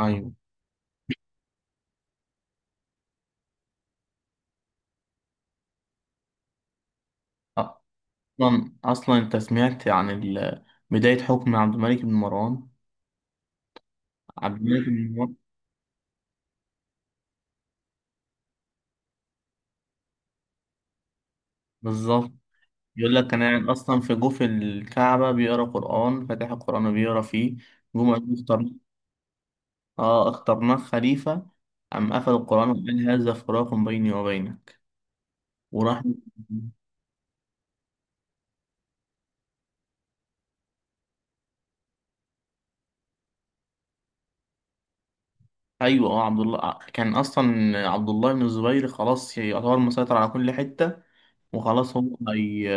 أيوة. أصلا أنت سمعت عن بداية حكم عبد الملك بن مروان؟ عبد الملك بن مروان بالظبط. يقول لك كان قاعد أصلا في جوف الكعبة بيقرأ قرآن، فاتح القرآن وبيقرأ فيه، جم قالوا اختار. اخترناه خليفة. قام قفل القرآن وقال: هذا فراق بيني وبينك، وراح. أيوة. عبد الله، كان أصلا عبد الله بن الزبير خلاص يعتبر مسيطر على كل حتة، وخلاص. هو هي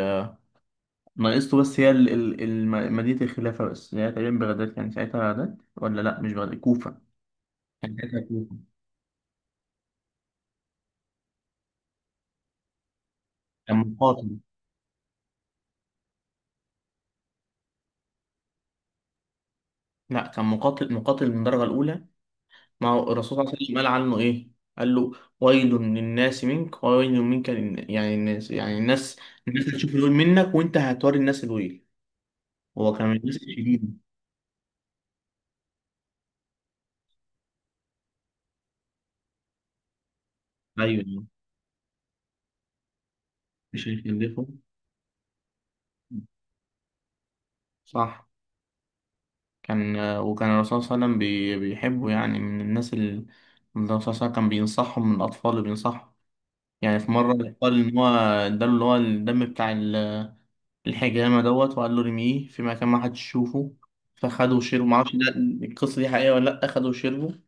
ناقصته بس هي مدينة الخلافة، بس هي تقريبا بغداد. كان ساعتها بغداد ولا لأ؟ مش بغداد، كوفة. ساعتها كوفة. كان مقاتل. لأ، كان مقاتل مقاتل من الدرجة الأولى. ما هو الرسول صلى الله عليه وسلم قال عنه إيه؟ قال له: ويل للناس منك، ويل منك يعني الناس، يعني الناس، الناس هتشوف الويل منك وأنت هتوري الناس الويل. هو كان من الناس الشديدة. أيوه، مش هيخلفه. صح. كان وكان الرسول صلى الله عليه وسلم بيحبه، يعني من الناس اللي الرسول صلى الله عليه وسلم كان بينصحهم، من الأطفال اللي بينصحهم. يعني في مرة قال إن هو اداله اللي هو الدم بتاع الحجامة دوت، وقال له رميه في مكان ما حدش يشوفه، فخده وشربه. معرفش ده، القصة دي حقيقية ولا لأ. خده وشربه،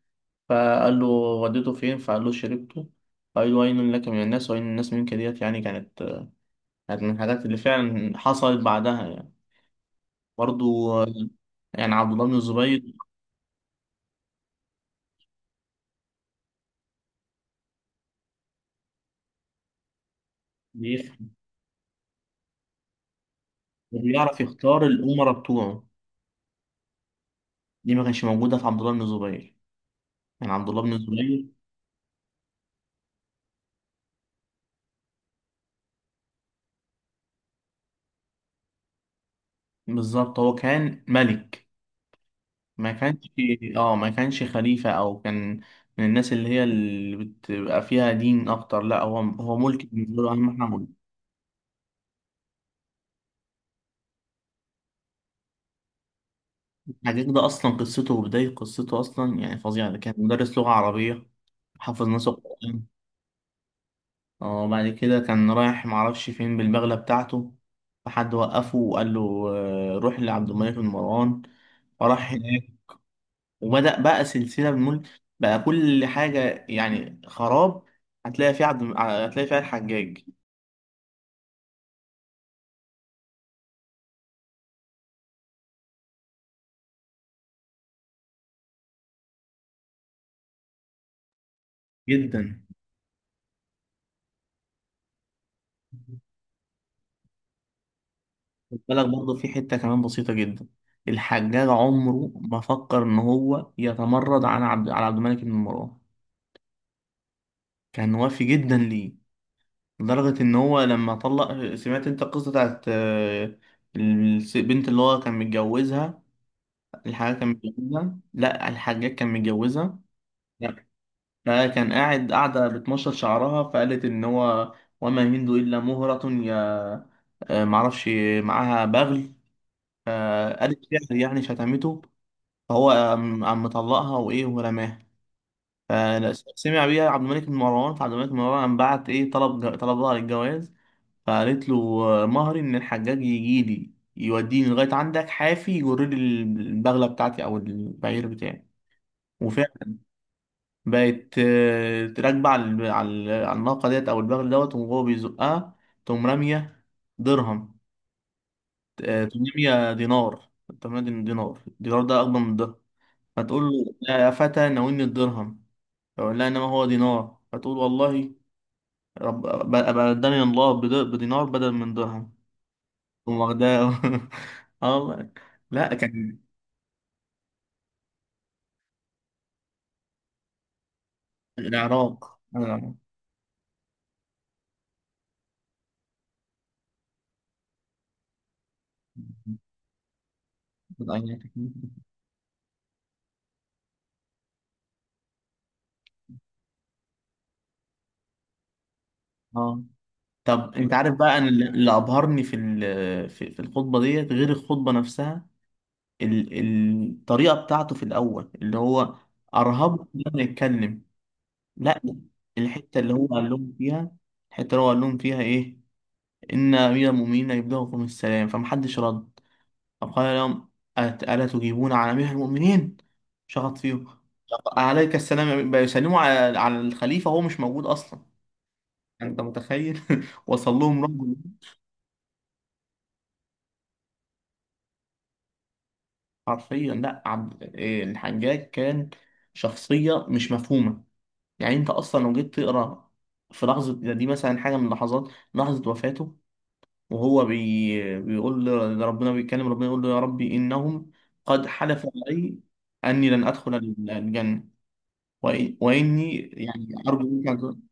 فقال له: وديته فين؟ فقال له: شربته. فقال له: ويل لك من الناس، ويل الناس منك. ديت يعني كانت، كانت من الحاجات اللي فعلا حصلت بعدها يعني. برضو يعني عبد الله بن الزبير. بيخ- بيعرف يختار الأمراء بتوعه، دي ما كانش موجودة في عبد الله بن الزبير. يعني عبد الله بن الزبير بالظبط هو كان ملك، ما كانش. اه، ما كانش خليفة، او كان من الناس اللي هي اللي بتبقى فيها دين اكتر. لا، هو هو ملك، بالنسبة له اهم احنا ملك. حاجة ده اصلا، قصته وبداية قصته اصلا يعني فظيعة. ده كان مدرس لغة عربية، حافظ ناس القرآن. اه، بعد كده كان رايح معرفش فين بالبغلة بتاعته، فحد وقفه وقال له: روح لعبد الملك بن مروان. فراح هناك، وبدأ بقى سلسلة بالملك، بقى كل حاجة يعني خراب. هتلاقي فيها عبد، هتلاقي فيها الحجاج. جدا. خد بالك برضه في حتة كمان بسيطة جدا. الحجاج عمره ما فكر إن هو يتمرد على عبد الملك بن مروان. كان وافي جدا ليه، لدرجة إن هو لما طلق. سمعت أنت القصة بتاعت البنت اللي هو كان متجوزها؟ الحجاج كان متجوزها، لا الحجاج كان متجوزها. لا، فكان قاعدة بتمشط شعرها، فقالت إن هو: وما يمين إلا مهرة يا معرفش. معاها بغل، قالت شعر، يعني شتمته. هو قام مطلقها وايه، ورماها. فسمع بيها عبد الملك بن مروان، فعبد الملك بن مروان قام بعت ايه، طلبها للجواز. فقالت له: مهري ان الحجاج يجي لي يوديني لغايه عندك حافي، يجر لي البغله بتاعتي او البعير بتاعي. وفعلا بقت راكبه على على الناقه ديت او البغل دوت، وهو بيزقها، تقوم راميه درهم، تقوم راميه دينار، تقوم رامية دينار. الدينار ده اكبر من الدرهم، فتقول له: يا فتى ناولني الدرهم، فأقول لها: إنما هو دينار، فتقول: والله رب أبقى قدامي الله بدينار بدل من درهم. تقوم واخداه. آه والله. لا كان العراق، آه. اه. طب انت عارف بقى، انا اللي اللي ابهرني في في الخطبه ديت، غير الخطبه نفسها، الطريقه بتاعته في الاول اللي هو ارهب لما يتكلم. لا، الحته اللي هو قال لهم فيها، الحته اللي هو قال لهم فيها ايه؟ إن أمير المؤمنين يبلغكم السلام. فمحدش رد. طب قال لهم: ألا تجيبون عن أمير المؤمنين؟ شخط فيهم. طب عليك السلام يا أمير، بيسلموا على على الخليفة، هو مش موجود أصلا. يعني أنت متخيل؟ وصل لهم رد. حرفيا. لا عبد الحجاج كان شخصية مش مفهومة. يعني أنت أصلا لو جيت تقرأ في لحظة دي مثلا، حاجة من لحظات، لحظة وفاته وهو بيقول لربنا، بيتكلم ربنا، يقول له: يا ربي إنهم قد حلفوا علي أني لن أدخل الجنة، وإني يعني أرجو منك أن تكون.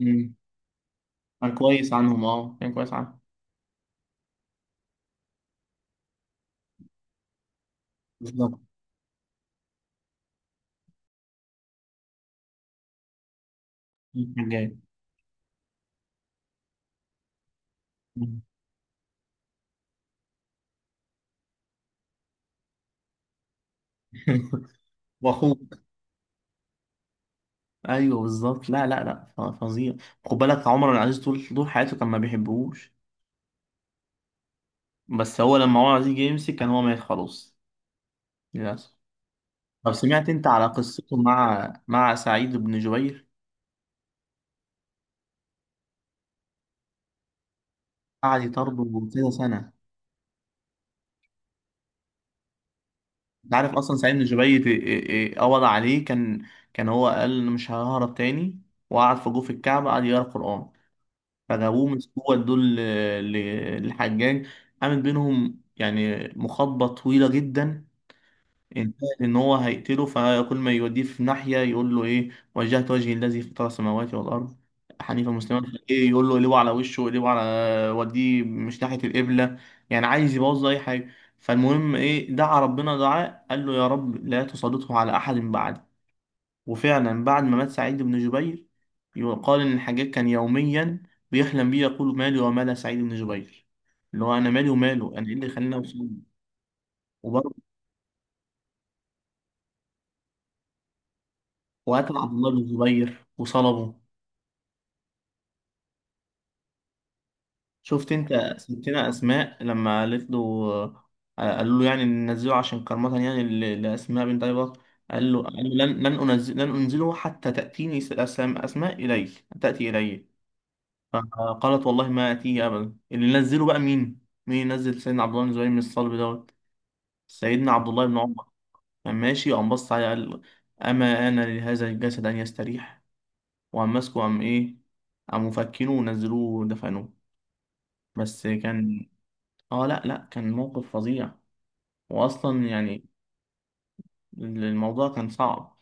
مم. كان كويس عنهم، أه كان كويس عنهم. بالظبط. كان جاي. واخوك. ايوه بالظبط. لا لا لا، فظيع. خد بالك عمر بن العزيز طول حياته كان ما بيحبوش، بس هو لما عمر العزيز جه يمسك كان هو مات خلاص. للاسف. طب سمعت انت على قصته مع مع سعيد بن جبير؟ قعد يطرده كذا سنة. انت عارف اصلا سعيد من جبيت إيه؟ قبض عليه، كان كان هو قال: أنا مش ههرب تاني. وقعد في جوف الكعبة، قعد يقرا قرآن، فجابوه مسكوه ادوه للحجاج. قامت بينهم يعني مخاطبة طويلة جدا، انتهت ان هو هيقتله. فكل ما يوديه في ناحيه يقول له ايه: وجهت وجهي الذي فطر السماوات والارض حنيفا مسلما. ايه يقول له: اقلبه على وشه، اقلبه على وديه مش ناحيه القبله، يعني عايز يبوظ اي حاجه. فالمهم ايه، دعا ربنا دعاء، قال له: يا رب لا تسلطه على احد بعد. وفعلا بعد ما مات سعيد بن جبير، يقال ان الحجاج كان يوميا بيحلم بيه، يقول: مالي ومال سعيد بن جبير؟ اللي هو انا مالي وماله، انا ايه اللي خلاني اوصل. وبرضه. وقتل عبد الله بن زبير وصلبه. شفت انت ستنا اسماء لما رفضوا، قالوا له يعني ننزله عشان كرامة يعني لاسماء بنت ابي بكر؟ قال له: لن انزل، لن انزله حتى تاتيني اسماء الي، تاتي الي. فقالت: والله ما اتيه ابدا. اللي نزله بقى مين؟ مين نزل سيدنا عبد الله بن زبير من الصلب دوت؟ سيدنا عبد الله بن عمر. كان ماشي، قام بص عليه قال: اما انا لهذا الجسد ان يستريح. وقام ماسكه، قام ايه؟ قام مفكينه ونزلوه ودفنوه. بس كان. اه لا لا، كان موقف فظيع، واصلا يعني الموضوع كان صعب.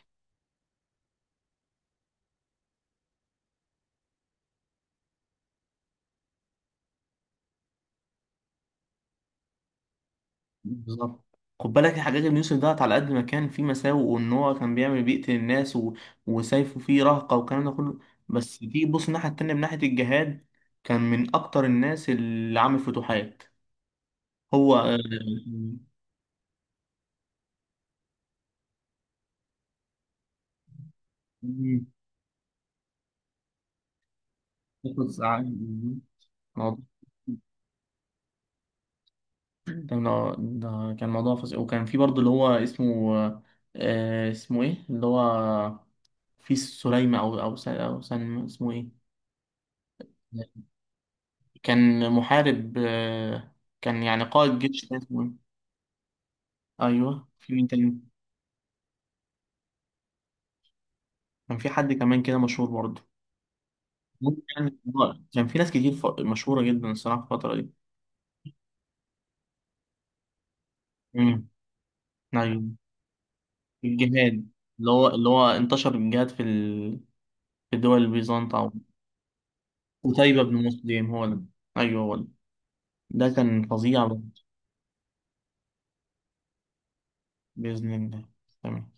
بالظبط. خد بالك يا حجاج بن يوسف دوت، على قد ما كان فيه مساوئ، وان هو كان بيعمل بيقتل الناس و، وسيفه فيه رهقه والكلام ده كله، بس تيجي تبص الناحيه التانيه من ناحيه الجهاد، كان من اكتر الناس اللي عامل فتوحات هو. مم. ياخد ساعة. موضوع. ده ده كان موضوع فظيع. وكان في برضه اللي هو اسمه اسمه ايه اللي هو؟ في سليمة أو أو أو سن، اسمه إيه؟ كان محارب، كان يعني قائد جيش، كان اسمه إيه؟ أيوه، في مين تاني؟ كان في حد كمان كده مشهور برضه. ممكن يعني، كان في ناس كتير مشهورة جدا الصراحة في الفترة دي. امم. أيوه. الجهاد، اللي هو اللي هو انتشر الجهاد في في دول البيزنط أو. قتيبة بن مسلم، هو ده. أيوه هو ده. ده كان فظيع. بإذن الله. تمام.